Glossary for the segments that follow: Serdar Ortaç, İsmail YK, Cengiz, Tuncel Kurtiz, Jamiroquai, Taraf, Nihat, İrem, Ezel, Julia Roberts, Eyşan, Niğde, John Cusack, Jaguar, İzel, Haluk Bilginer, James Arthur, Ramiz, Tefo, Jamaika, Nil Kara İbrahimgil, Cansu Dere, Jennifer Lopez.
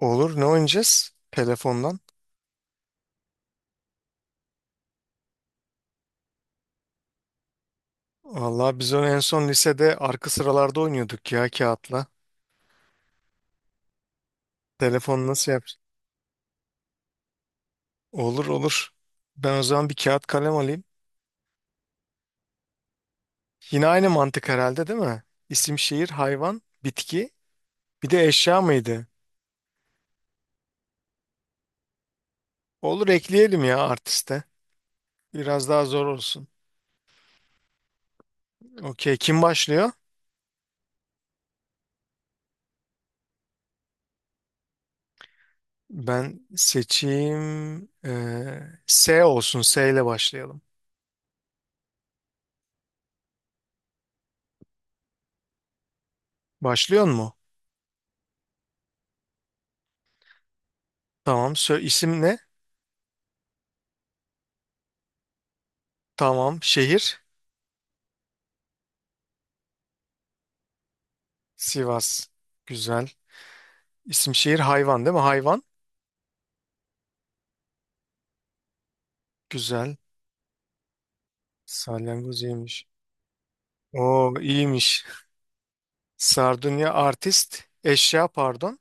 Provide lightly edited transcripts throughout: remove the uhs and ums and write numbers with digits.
Olur. Ne oynayacağız? Telefondan. Vallahi biz onu en son lisede arka sıralarda oynuyorduk ya kağıtla. Telefon nasıl yap? Olur olur. Ben o zaman bir kağıt kalem alayım. Yine aynı mantık herhalde değil mi? İsim, şehir, hayvan, bitki. Bir de eşya mıydı? Olur ekleyelim ya artiste. Biraz daha zor olsun. Okey. Kim başlıyor? Ben seçeyim. S olsun. S ile başlayalım. Başlıyor mu? Tamam. Sö isim ne? Tamam. Şehir. Sivas. Güzel. İsim şehir hayvan değil mi? Hayvan. Güzel. Salyangoz iyiymiş. Oo iyiymiş. Sardunya artist. Eşya pardon.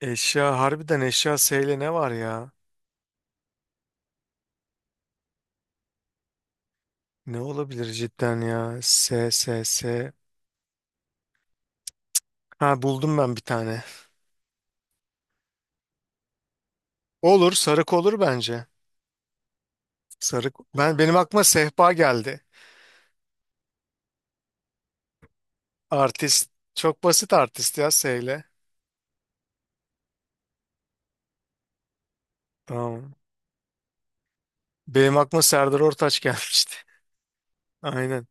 Eşya harbiden eşya S ile ne var ya? Ne olabilir cidden ya? S S S. Ha buldum ben bir tane. Olur sarık olur bence. Sarık. Ben benim aklıma sehpa geldi. Artist. Çok basit artist ya S ile. Tamam. Benim aklıma Serdar Ortaç gelmişti. Aynen.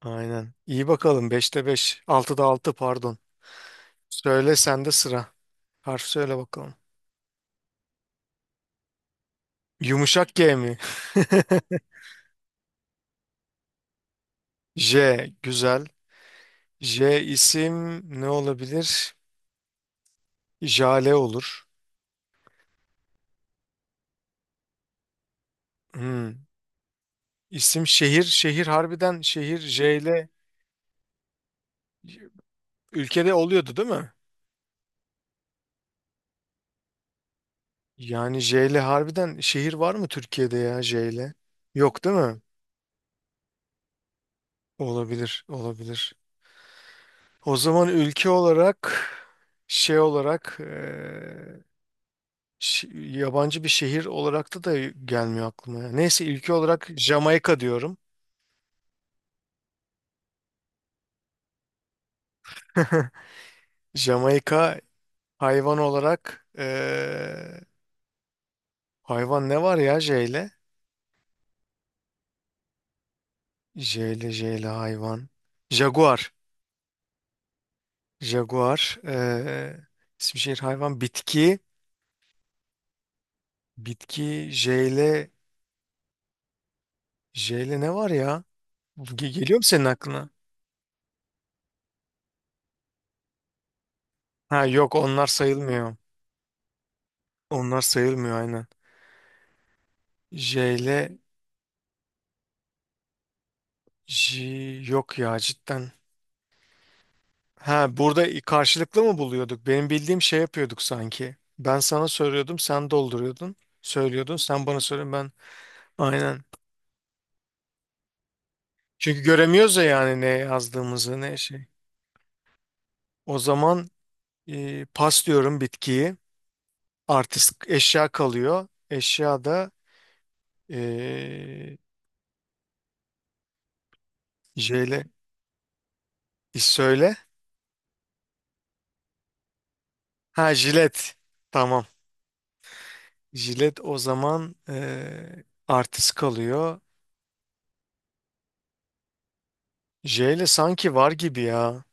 Aynen. İyi bakalım. Beşte 5. Altıda 6. Pardon. Söyle sende sıra. Harf söyle bakalım. Yumuşak G mi? J. Güzel. J isim ne olabilir? Jale olur. Hmm. İsim şehir. Şehir harbiden şehir J ile ülkede oluyordu değil mi? Yani J ile harbiden şehir var mı Türkiye'de ya J ile? Yok değil mi? Olabilir. Olabilir. O zaman ülke olarak şey olarak yabancı bir şehir olarak da gelmiyor aklıma ya. Neyse ülke olarak Jamaika diyorum. Jamaika hayvan olarak hayvan ne var ya J'yle? J'yle J'yle hayvan. Jaguar. Jaguar. İsim şehir hayvan. Bitki. Bitki J'yle J'yle ne var ya? Geliyor mu senin aklına? Ha yok onlar sayılmıyor. Onlar sayılmıyor aynen. J'yle J yok ya cidden. Ha burada karşılıklı mı buluyorduk? Benim bildiğim şey yapıyorduk sanki. Ben sana soruyordum, sen dolduruyordun. Söylüyordun, sen bana soruyordun ben. Aynen. Çünkü göremiyoruz ya yani ne yazdığımızı ne şey. O zaman pas diyorum bitkiyi. Artist eşya kalıyor. Eşya da e, jele. E, söyle. Ha jilet. Tamam. Jilet o zaman artist kalıyor. J ile sanki var gibi ya.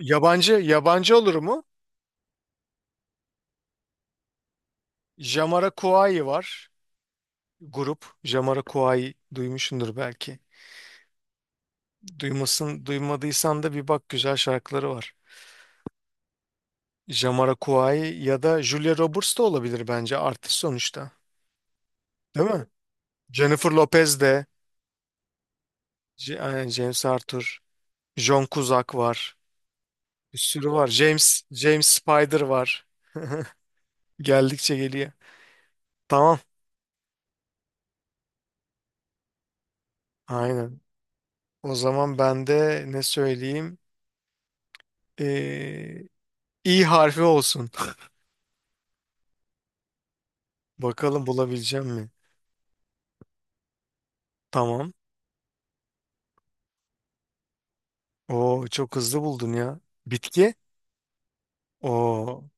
Yabancı yabancı olur mu? Jamiroquai var. Grup. Jamiroquai duymuşsundur belki. Duymasın, duymadıysan da bir bak güzel şarkıları var. Jamiroquai ya da Julia Roberts da olabilir bence artist sonuçta. Değil mi? Jennifer Lopez de, aynen James Arthur, John Cusack var. Bir sürü var. James James Spider var. Geldikçe geliyor. Tamam. Aynen. O zaman ben de ne söyleyeyim? Ee, İ harfi olsun. Bakalım bulabileceğim mi? Tamam. O çok hızlı buldun ya. Bitki. O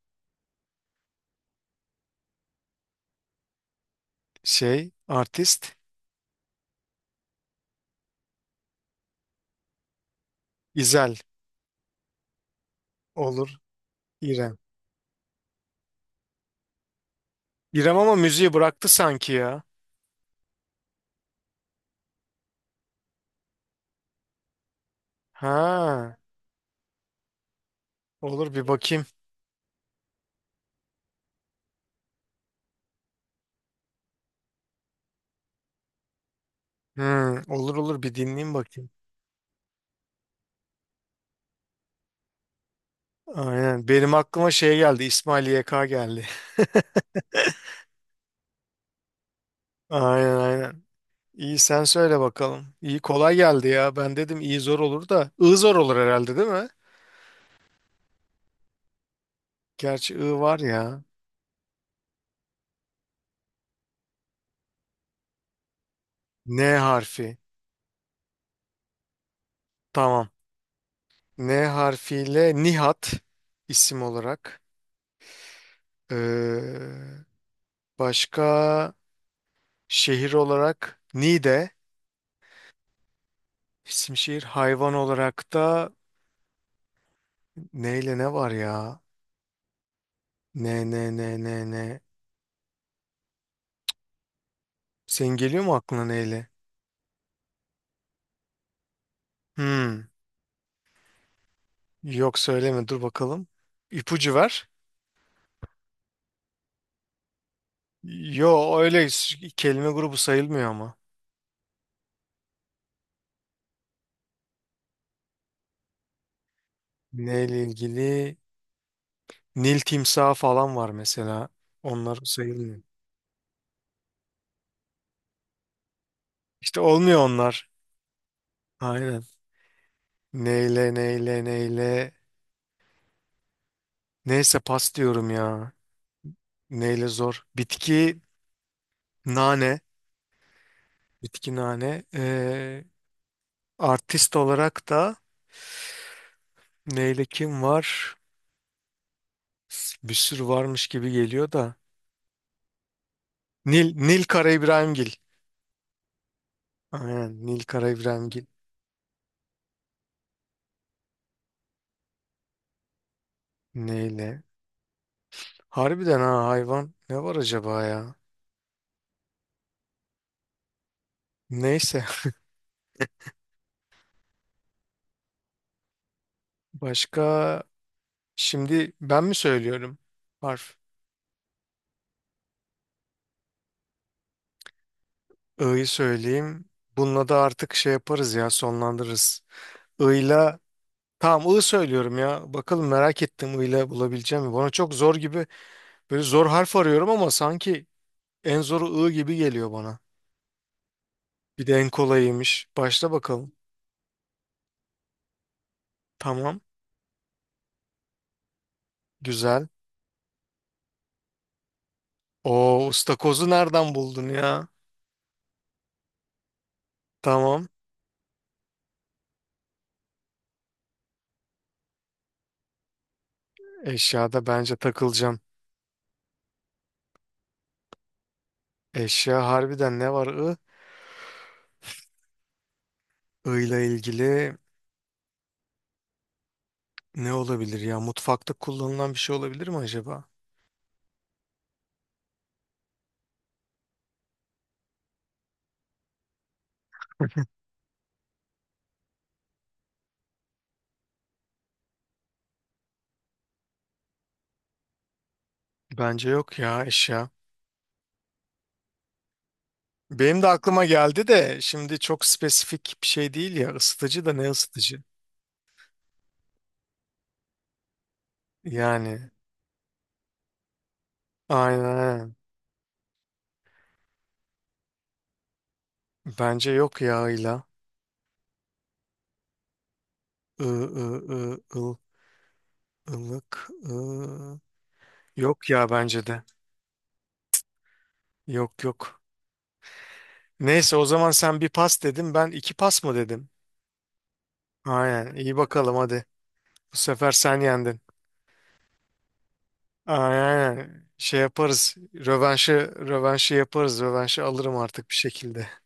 şey artist İzel olur İrem. İrem ama müziği bıraktı sanki ya. Ha, olur bir bakayım. Hmm, olur olur bir dinleyeyim bakayım. Aynen. Benim aklıma şey geldi. İsmail YK geldi. Aynen aynen. İyi sen söyle bakalım. İyi kolay geldi ya. Ben dedim iyi zor olur da. I zor olur herhalde değil mi? Gerçi I var ya. N harfi. Tamam. N harfiyle Nihat isim olarak. Ee, başka şehir olarak Niğde isim şehir. Hayvan olarak da neyle ne var ya? Ne ne ne ne ne. Senin geliyor mu aklına neyle? Hmm. Yok söyleme dur bakalım. İpucu ver. Yo öyle kelime grubu sayılmıyor ama. Neyle ilgili? Nil timsahı falan var mesela. Onlar sayılmıyor. İşte olmuyor onlar. Aynen. Neyle neyle neyle. Neyse pas diyorum ya. Neyle zor. Bitki nane. Bitki nane. Artist olarak da neyle kim var? Bir sürü varmış gibi geliyor da. Nil, Nil Kara İbrahimgil. Aynen Nil Kara İbrahimgil. Neyle? Harbiden hayvan. Ne var acaba ya? Neyse. Başka şimdi ben mi söylüyorum? Harf. I'yı söyleyeyim. Bununla da artık şey yaparız ya sonlandırırız. I'la tamam I söylüyorum ya. Bakalım merak ettim I'la bulabileceğim mi? Bana çok zor gibi böyle zor harf arıyorum ama sanki en zoru I gibi geliyor bana. Bir de en kolayıymış. Başla bakalım. Tamam. Güzel. O ıstakozu nereden buldun ya? Tamam. Eşyada bence takılacağım. Eşya harbiden ne var I? I ile ilgili ne olabilir ya? Mutfakta kullanılan bir şey olabilir mi acaba? Bence yok ya eşya. Benim de aklıma geldi de şimdi çok spesifik bir şey değil ya ısıtıcı da ne ısıtıcı? Yani aynen aynen. Bence yok yağıyla. I, ı, ı, ıl, ılık. I. Yok ya bence de. Yok yok. Neyse o zaman sen bir pas dedin ben iki pas mı dedim? Aynen iyi bakalım hadi. Bu sefer sen yendin. Aynen. Şey yaparız. Rövanşı, rövanşı yaparız. Rövanşı alırım artık bir şekilde.